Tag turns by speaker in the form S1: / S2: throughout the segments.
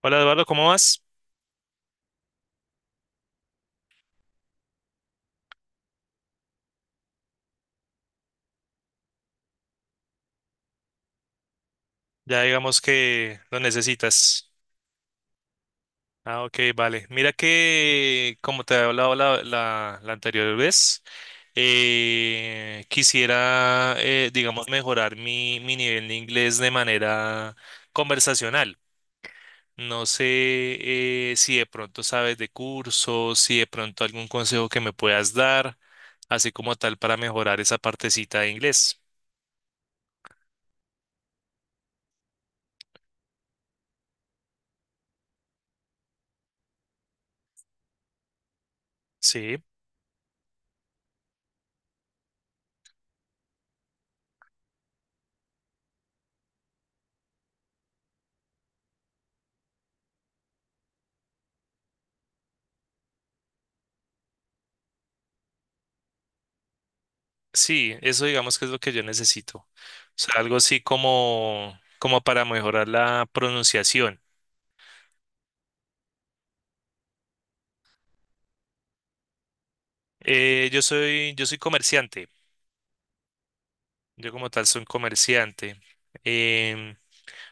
S1: Hola Eduardo, ¿cómo vas? Ya digamos que lo necesitas. Ah, ok, vale. Mira que, como te había hablado la anterior vez, quisiera, digamos, mejorar mi nivel de inglés de manera conversacional. No sé si de pronto sabes de cursos, si de pronto algún consejo que me puedas dar, así como tal para mejorar esa partecita de inglés. Sí. Sí, eso digamos que es lo que yo necesito. O sea, algo así como para mejorar la pronunciación. Yo soy comerciante. Yo como tal soy un comerciante. Em,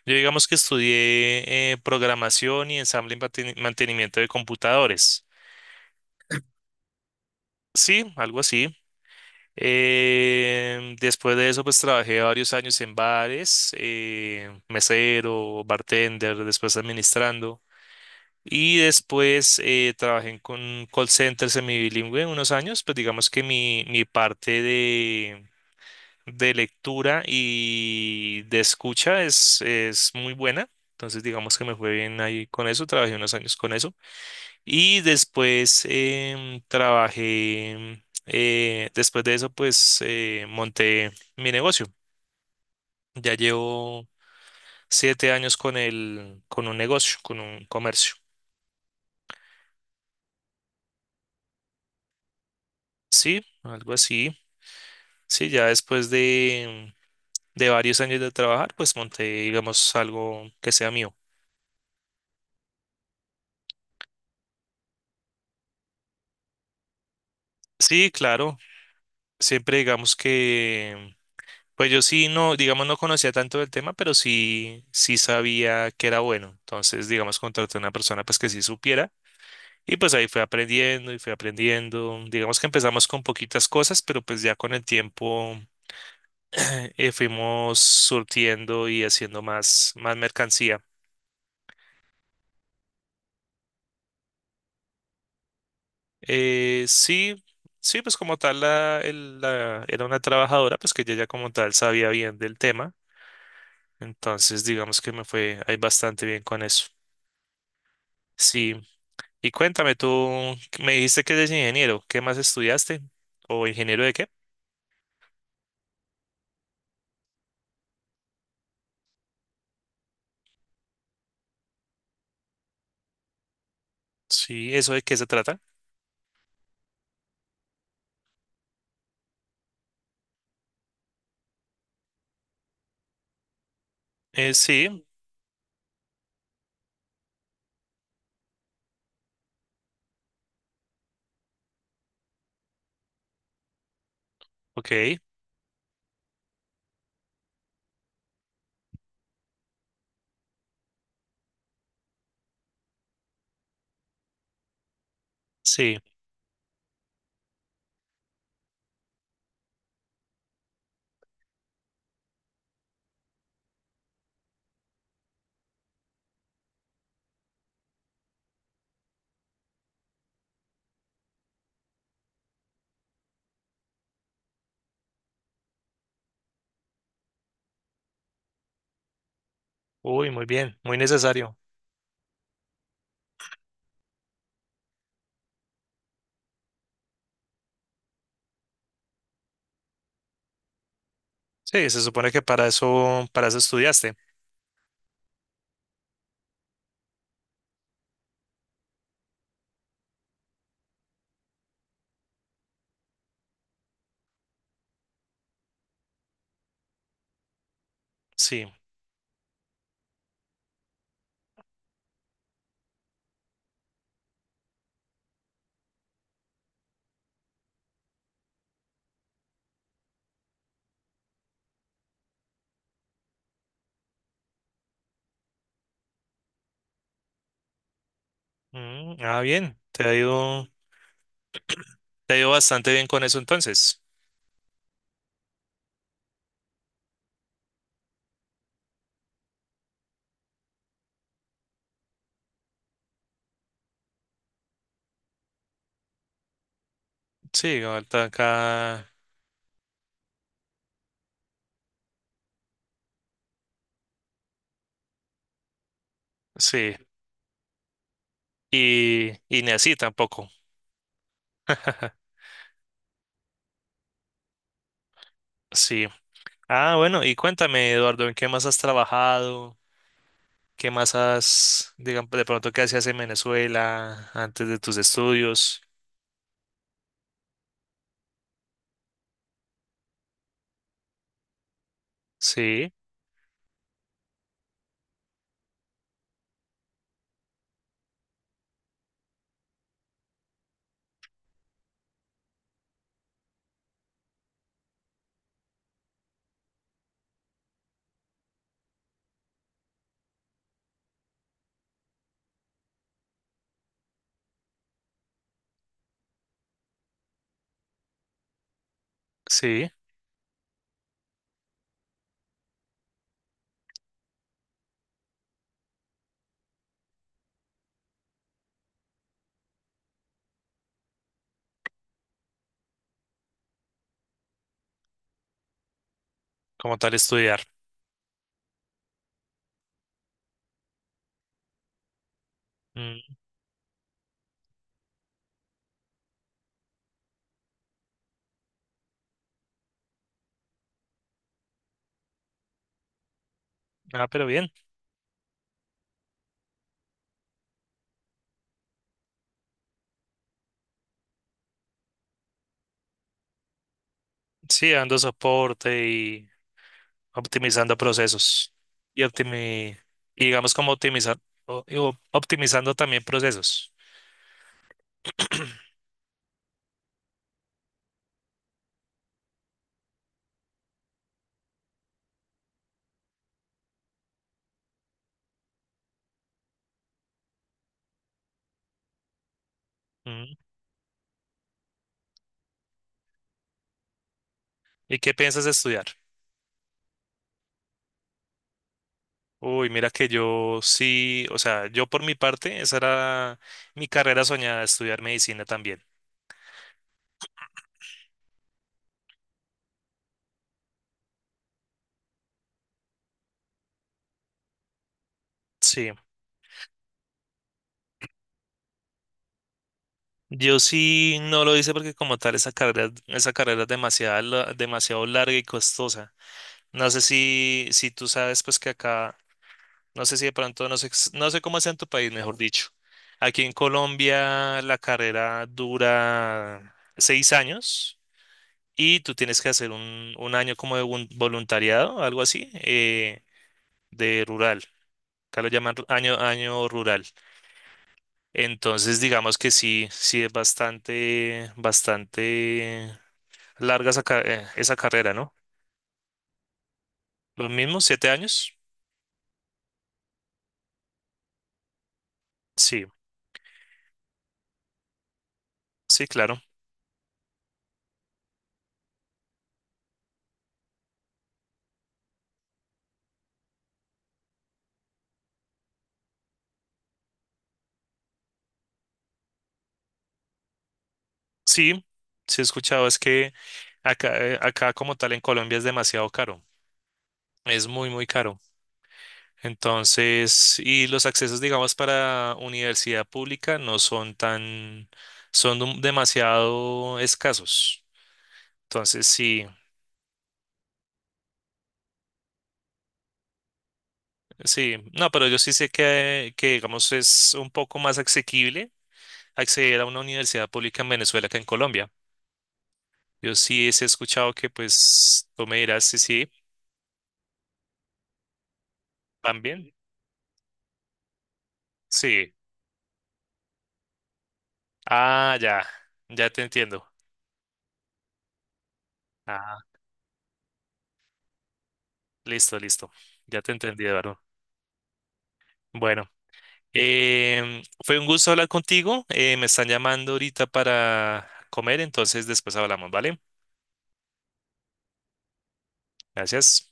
S1: yo digamos que estudié programación y ensamble y mantenimiento de computadores. Sí, algo así. Después de eso, pues trabajé varios años en bares, mesero, bartender, después administrando. Y después trabajé en con call center bilingüe unos años, pues digamos que mi parte de lectura y de escucha es muy buena. Entonces digamos que me fue bien ahí con eso, trabajé unos años con eso. Y después trabajé, después de eso pues monté mi negocio. Ya llevo 7 años con el, con un negocio, con un comercio. Sí, algo así. Sí, ya después de varios años de trabajar, pues monté, digamos, algo que sea mío. Sí, claro, siempre digamos que, pues yo sí no, digamos, no conocía tanto del tema, pero sí, sí sabía que era bueno. Entonces, digamos, contraté a una persona pues que sí supiera y pues ahí fui aprendiendo y fui aprendiendo. Digamos que empezamos con poquitas cosas, pero pues ya con el tiempo fuimos surtiendo y haciendo más, más mercancía. Sí sí, pues como tal era una trabajadora, pues que ella ya como tal sabía bien del tema, entonces digamos que me fue ahí bastante bien con eso. Sí, y cuéntame, tú me dijiste que eres ingeniero, ¿qué más estudiaste? ¿O ingeniero de qué? Sí, ¿eso de qué se trata? Sí, ok, sí, uy, muy bien, muy necesario. Sí, se supone que para eso estudiaste. Sí, mm, ah, bien, te ha ido bastante bien con eso entonces. Sí, ahorita acá, sí, y ni así tampoco. Sí. Ah, bueno, y cuéntame, Eduardo, ¿en qué más has trabajado? ¿Qué más has, digamos, de pronto qué hacías en Venezuela antes de tus estudios? Sí, sí, como tal estudiar. Mm, ah, pero bien. Sí, dando soporte y optimizando procesos. Y optimi- y digamos como optimizar, optimizando también procesos. Mm, ¿y qué piensas estudiar? Uy, mira que yo sí, o sea, yo por mi parte, esa era mi carrera soñada, estudiar medicina también. Sí, yo sí no lo hice porque como tal esa carrera es demasiado, demasiado larga y costosa. No sé si tú sabes pues que acá, no sé si de pronto, no sé cómo es en tu país, mejor dicho. Aquí en Colombia la carrera dura 6 años y tú tienes que hacer un año como de voluntariado, algo así, de rural. Acá lo llaman año rural. Entonces, digamos que sí, sí es bastante, bastante larga esa carrera, ¿no? ¿Los mismos 7 años? Sí, sí, claro. Sí, sí he escuchado, es que acá como tal en Colombia es demasiado caro. Es muy, muy caro. Entonces, y los accesos, digamos, para universidad pública no son tan, son demasiado escasos. Entonces, sí. Sí, no, pero yo sí sé que, digamos, es un poco más asequible acceder a una universidad pública en Venezuela que en Colombia. Yo sí sí he escuchado que, pues, tú me dirás si sí, van bien. Sí. Ah, ya, ya te entiendo. Ah, listo, listo. Ya te entendí, Eduardo. Bueno, fue un gusto hablar contigo. Me están llamando ahorita para comer, entonces después hablamos, ¿vale? Gracias.